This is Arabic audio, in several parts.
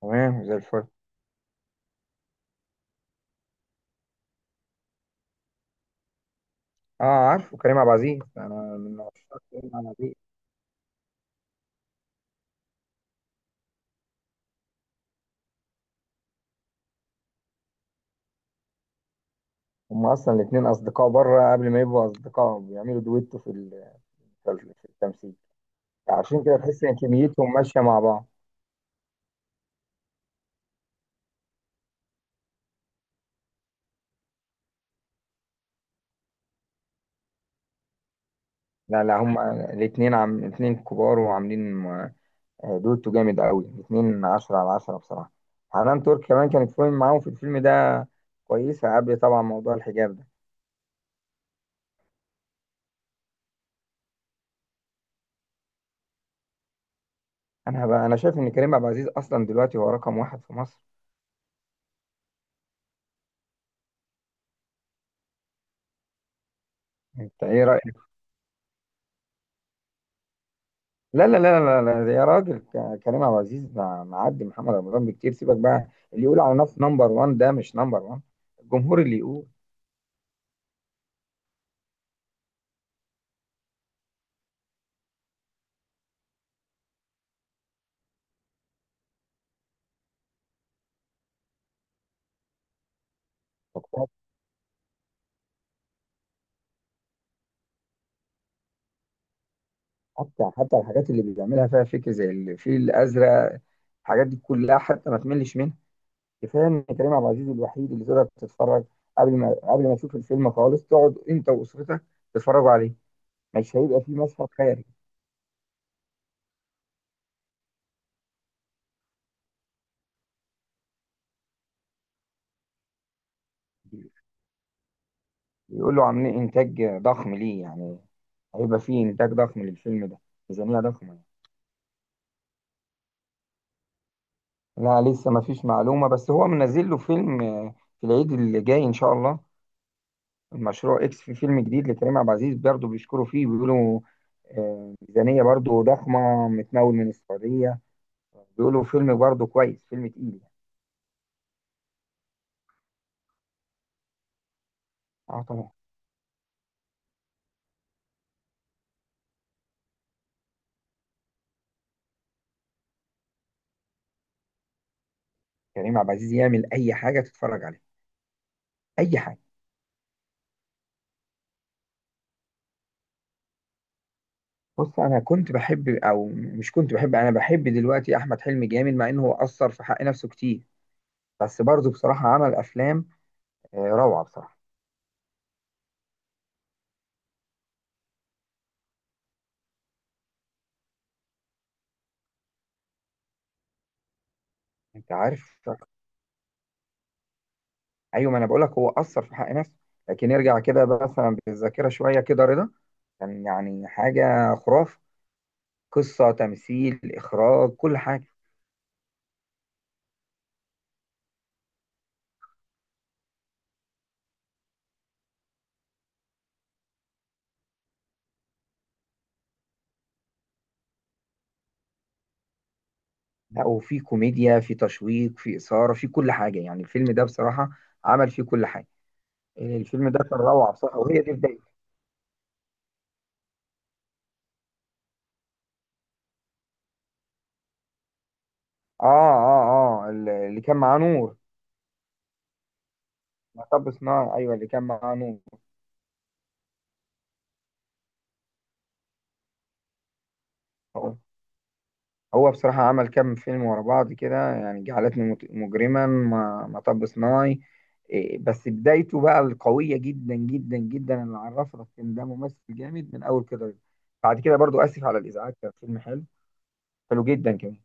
تمام زي الفل. اه، عارفه كريم عبد العزيز، انا من عشاق كريم عبد العزيز. هم اصلا الاثنين اصدقاء بره قبل ما يبقوا اصدقاء، بيعملوا دويتو في التمثيل. عشان كده تحس ان كميتهم ماشيه مع بعض. لا لا، هم الاثنين عم الاثنين كبار وعاملين دويتو جامد قوي، الاثنين 10 على 10 بصراحه. حنان ترك كمان كانت فيلم معاهم في الفيلم ده، كويسه قبل طبعا موضوع الحجاب ده. انا بقى، انا شايف ان كريم عبد العزيز اصلا دلوقتي هو رقم واحد في مصر. انت ايه؟ لا لا لا لا لا لا، يا راجل، كريم عبد العزيز معدي محمد رمضان بكتير، سيبك بقى. اللي يقول على نفسه نمبر 1 ده مش نمبر 1، الجمهور اللي يقول. حتى الحاجات اللي بيعملها فيها فكر زي الفيل الازرق، الحاجات دي كلها حتى ما تملش منها. كفايه ان كريم عبد العزيز الوحيد اللي تقدر تتفرج، قبل ما تشوف الفيلم خالص تقعد انت واسرتك تتفرجوا عليه، مش هيبقى فيه مشهد خارج. بيقولوا عاملين انتاج ضخم، ليه يعني هيبقى فيه انتاج ضخم للفيلم ده، ميزانيه ضخمه. لا لسه ما فيش معلومة، بس هو منزل له فيلم في العيد اللي جاي إن شاء الله، المشروع إكس، في فيلم جديد لكريم عبد العزيز برضه بيشكروا فيه، بيقولوا ميزانية برضه ضخمة متمول من السعودية، بيقولوا فيلم برضه كويس، فيلم تقيل يعني. اه طبعا. كريم عبد العزيز يعمل أي حاجة تتفرج عليها، أي حاجة. بص، أنا كنت بحب، أو مش كنت بحب، أنا بحب دلوقتي أحمد حلمي جامد، مع إنه هو أثر في حق نفسه كتير، بس برضه بصراحة عمل أفلام روعة بصراحة. أنت عارف، ايوه ما انا بقول لك، هو اثر في حق نفسه، لكن ارجع كده مثلا بالذاكره شويه كده، رضا كان يعني حاجه خرافه، قصه تمثيل اخراج كل حاجه. لا، وفي كوميديا، في تشويق، في اثاره، في كل حاجه يعني. الفيلم ده بصراحه عمل فيه كل حاجه. الفيلم ده كان روعه بصراحه، وهي دي بدايته. اه اه اه، اللي كان معاه نور، مطب صناعي. ايوه اللي كان معاه نور. هو بصراحة عمل كام فيلم ورا بعض كده يعني، مجرما، مطب صناعي. إيه، بس بدايته بقى القوية جدا جدا جدا اللي عرفنا إن ده ممثل جامد من أول كده. بعد كده برضو آسف على الإزعاج، كان فيلم حلو، حلو جدا كمان.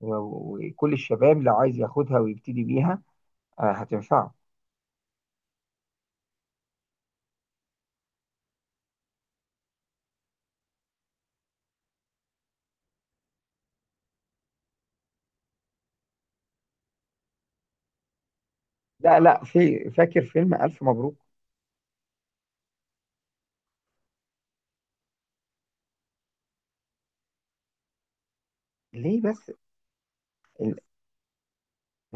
وكل الشباب لو عايز ياخدها ويبتدي بيها هتنفعه. لا لا، في فاكر فيلم ألف مبروك. ليه بس؟ ال-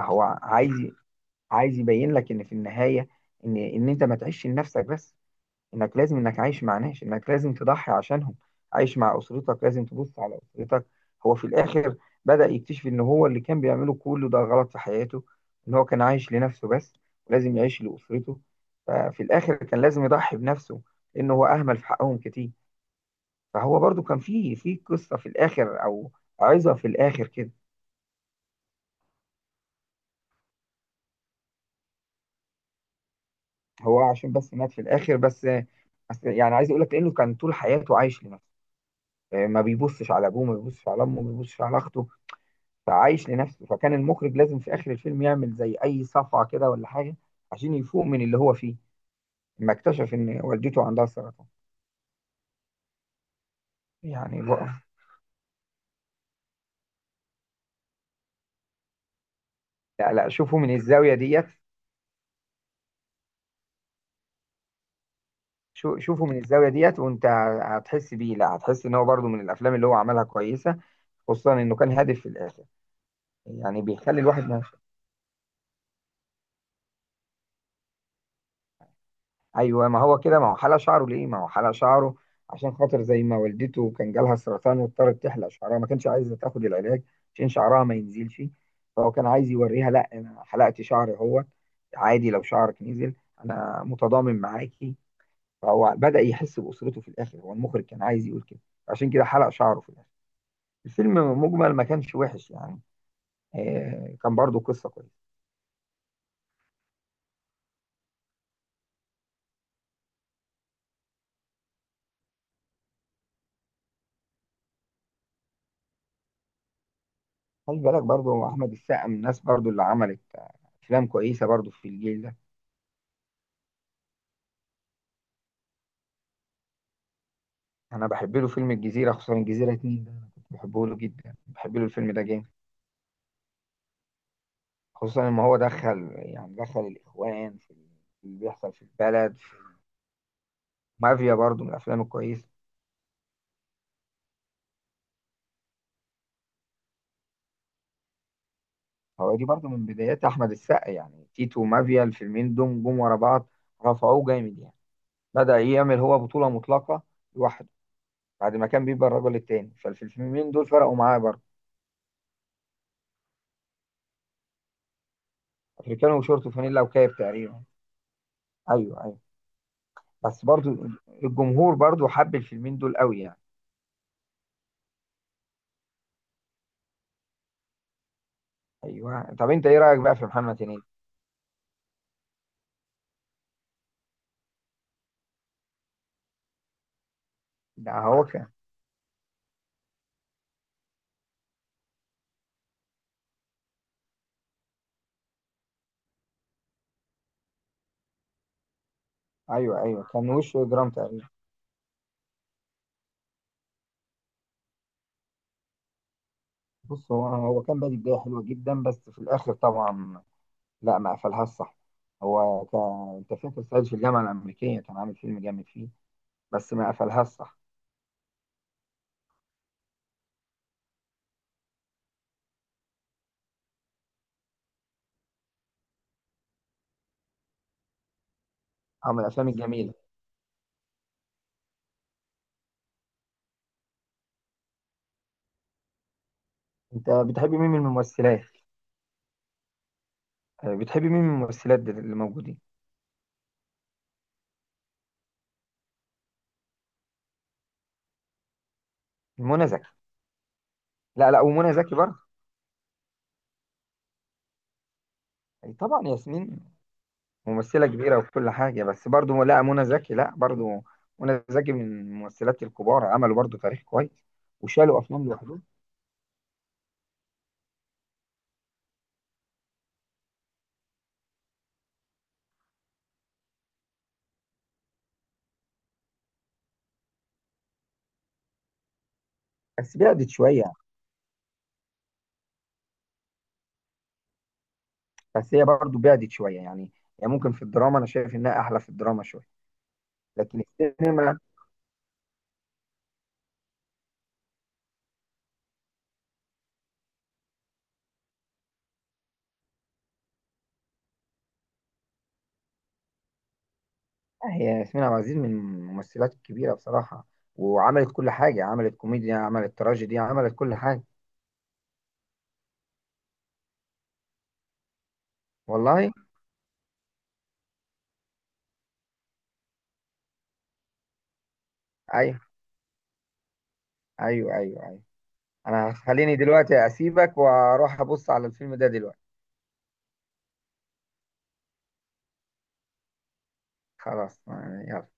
هو عايز، عايز يبين لك إن في النهاية، إن أنت ما تعيش لنفسك بس، انك لازم، انك عايش مع ناس، انك لازم تضحي عشانهم، عايش مع اسرتك، لازم تبص على اسرتك. هو في الاخر بدأ يكتشف ان هو اللي كان بيعمله كله ده غلط في حياته، ان هو كان عايش لنفسه بس، ولازم يعيش لاسرته. ففي الاخر كان لازم يضحي بنفسه لانه هو اهمل في حقهم كتير. فهو برضو كان في قصة في الاخر، او عظة في الاخر كده. هو عشان بس مات في الاخر بس، بس يعني عايز اقول لك، لانه كان طول حياته عايش لنفسه، ما بيبصش على ابوه، ما بيبصش على امه، ما بيبصش على اخته، فعايش لنفسه، فكان المخرج لازم في اخر الفيلم يعمل زي اي صفعه كده ولا حاجه عشان يفوق من اللي هو فيه، لما اكتشف ان والدته عندها سرطان، يعني بقى. لا لا، شوفه من الزاويه ديت. شوفه من الزاويه ديت وانت هتحس بيه، لا هتحس ان هو برضه من الافلام اللي هو عملها كويسه، خصوصا انه كان هادف في الاخر، يعني بيخلي الواحد ما. ايوه ما هو كده، ما هو حلق شعره، ليه ما هو حلق شعره؟ عشان خاطر زي ما والدته كان جالها سرطان واضطرت تحلق شعرها، ما كانش عايزه تاخد العلاج عشان شعرها ما ينزلش، فهو كان عايز يوريها لا انا حلقت شعري، هو عادي لو شعرك نزل، انا متضامن معاكي. فهو بدأ يحس بأسرته في الاخر، هو المخرج كان عايز يقول كده، عشان كده حلق شعره في الاخر. الفيلم مجمل ما كانش وحش يعني، آه كان برضو قصة كويسة. خلي بالك برضو احمد السقا من الناس برضو اللي عملت افلام كويسة برضو في الجيل ده. انا بحب له فيلم الجزيره، خصوصا الجزيره اتنين ده انا كنت بحبه له جدا، بحب له الفيلم ده جامد، خصوصا ان هو دخل يعني دخل الاخوان في اللي بيحصل في البلد. في مافيا برضو من الافلام الكويسه. هو دي برضو من بدايات احمد السقا يعني، تيتو ومافيا الفيلمين دول جم ورا بعض، رفعوه جامد يعني، بدا يعمل هو بطوله مطلقه لوحده بعد ما كان بيبقى الرجل التاني، فالفيلمين دول فرقوا معاه برضو. افريكانو وشورت وفانيلا وكاب تقريبا، ايوه ايوه. بس برضو الجمهور برضو حب الفيلمين دول قوي يعني. ايوه، طب انت ايه رايك بقى في محمد هنيدي؟ ده هو كان، ايوه ايوه، كان وشه جرام تقريبا. بص، هو كان بادئ بدايه حلوه جدا، بس في الاخر طبعا لا، ما قفلهاش صح. هو ك... انت فاكر صعيدي في الجامعه الامريكيه؟ كان عامل فيلم جامد فيه، بس ما قفلهاش صح، او من الافلام الجميله. انت بتحب مين من الممثلات؟ بتحب مين من الممثلات اللي موجودين؟ منى زكي. لا لا، ومنى زكي برضه. أي طبعا ياسمين ممثلة كبيرة وكل حاجة، بس برضو لا منى زكي لا برضو. منى زكي من الممثلات الكبار، عملوا برضو تاريخ كويس وشالوا أفلام لوحدهم. بس بعدت شوية، بس هي برضو بعدت شوية يعني، يعني ممكن في الدراما أنا شايف إنها أحلى في الدراما شوية، لكن السينما هي ياسمين عبد العزيز من الممثلات الكبيرة بصراحة، وعملت كل حاجة، عملت كوميديا، عملت تراجيدي، عملت كل حاجة. والله؟ أيوه أيوه أيوه أيوه. أنا خليني دلوقتي أسيبك وأروح أبص على الفيلم ده دلوقتي. خلاص، يلا.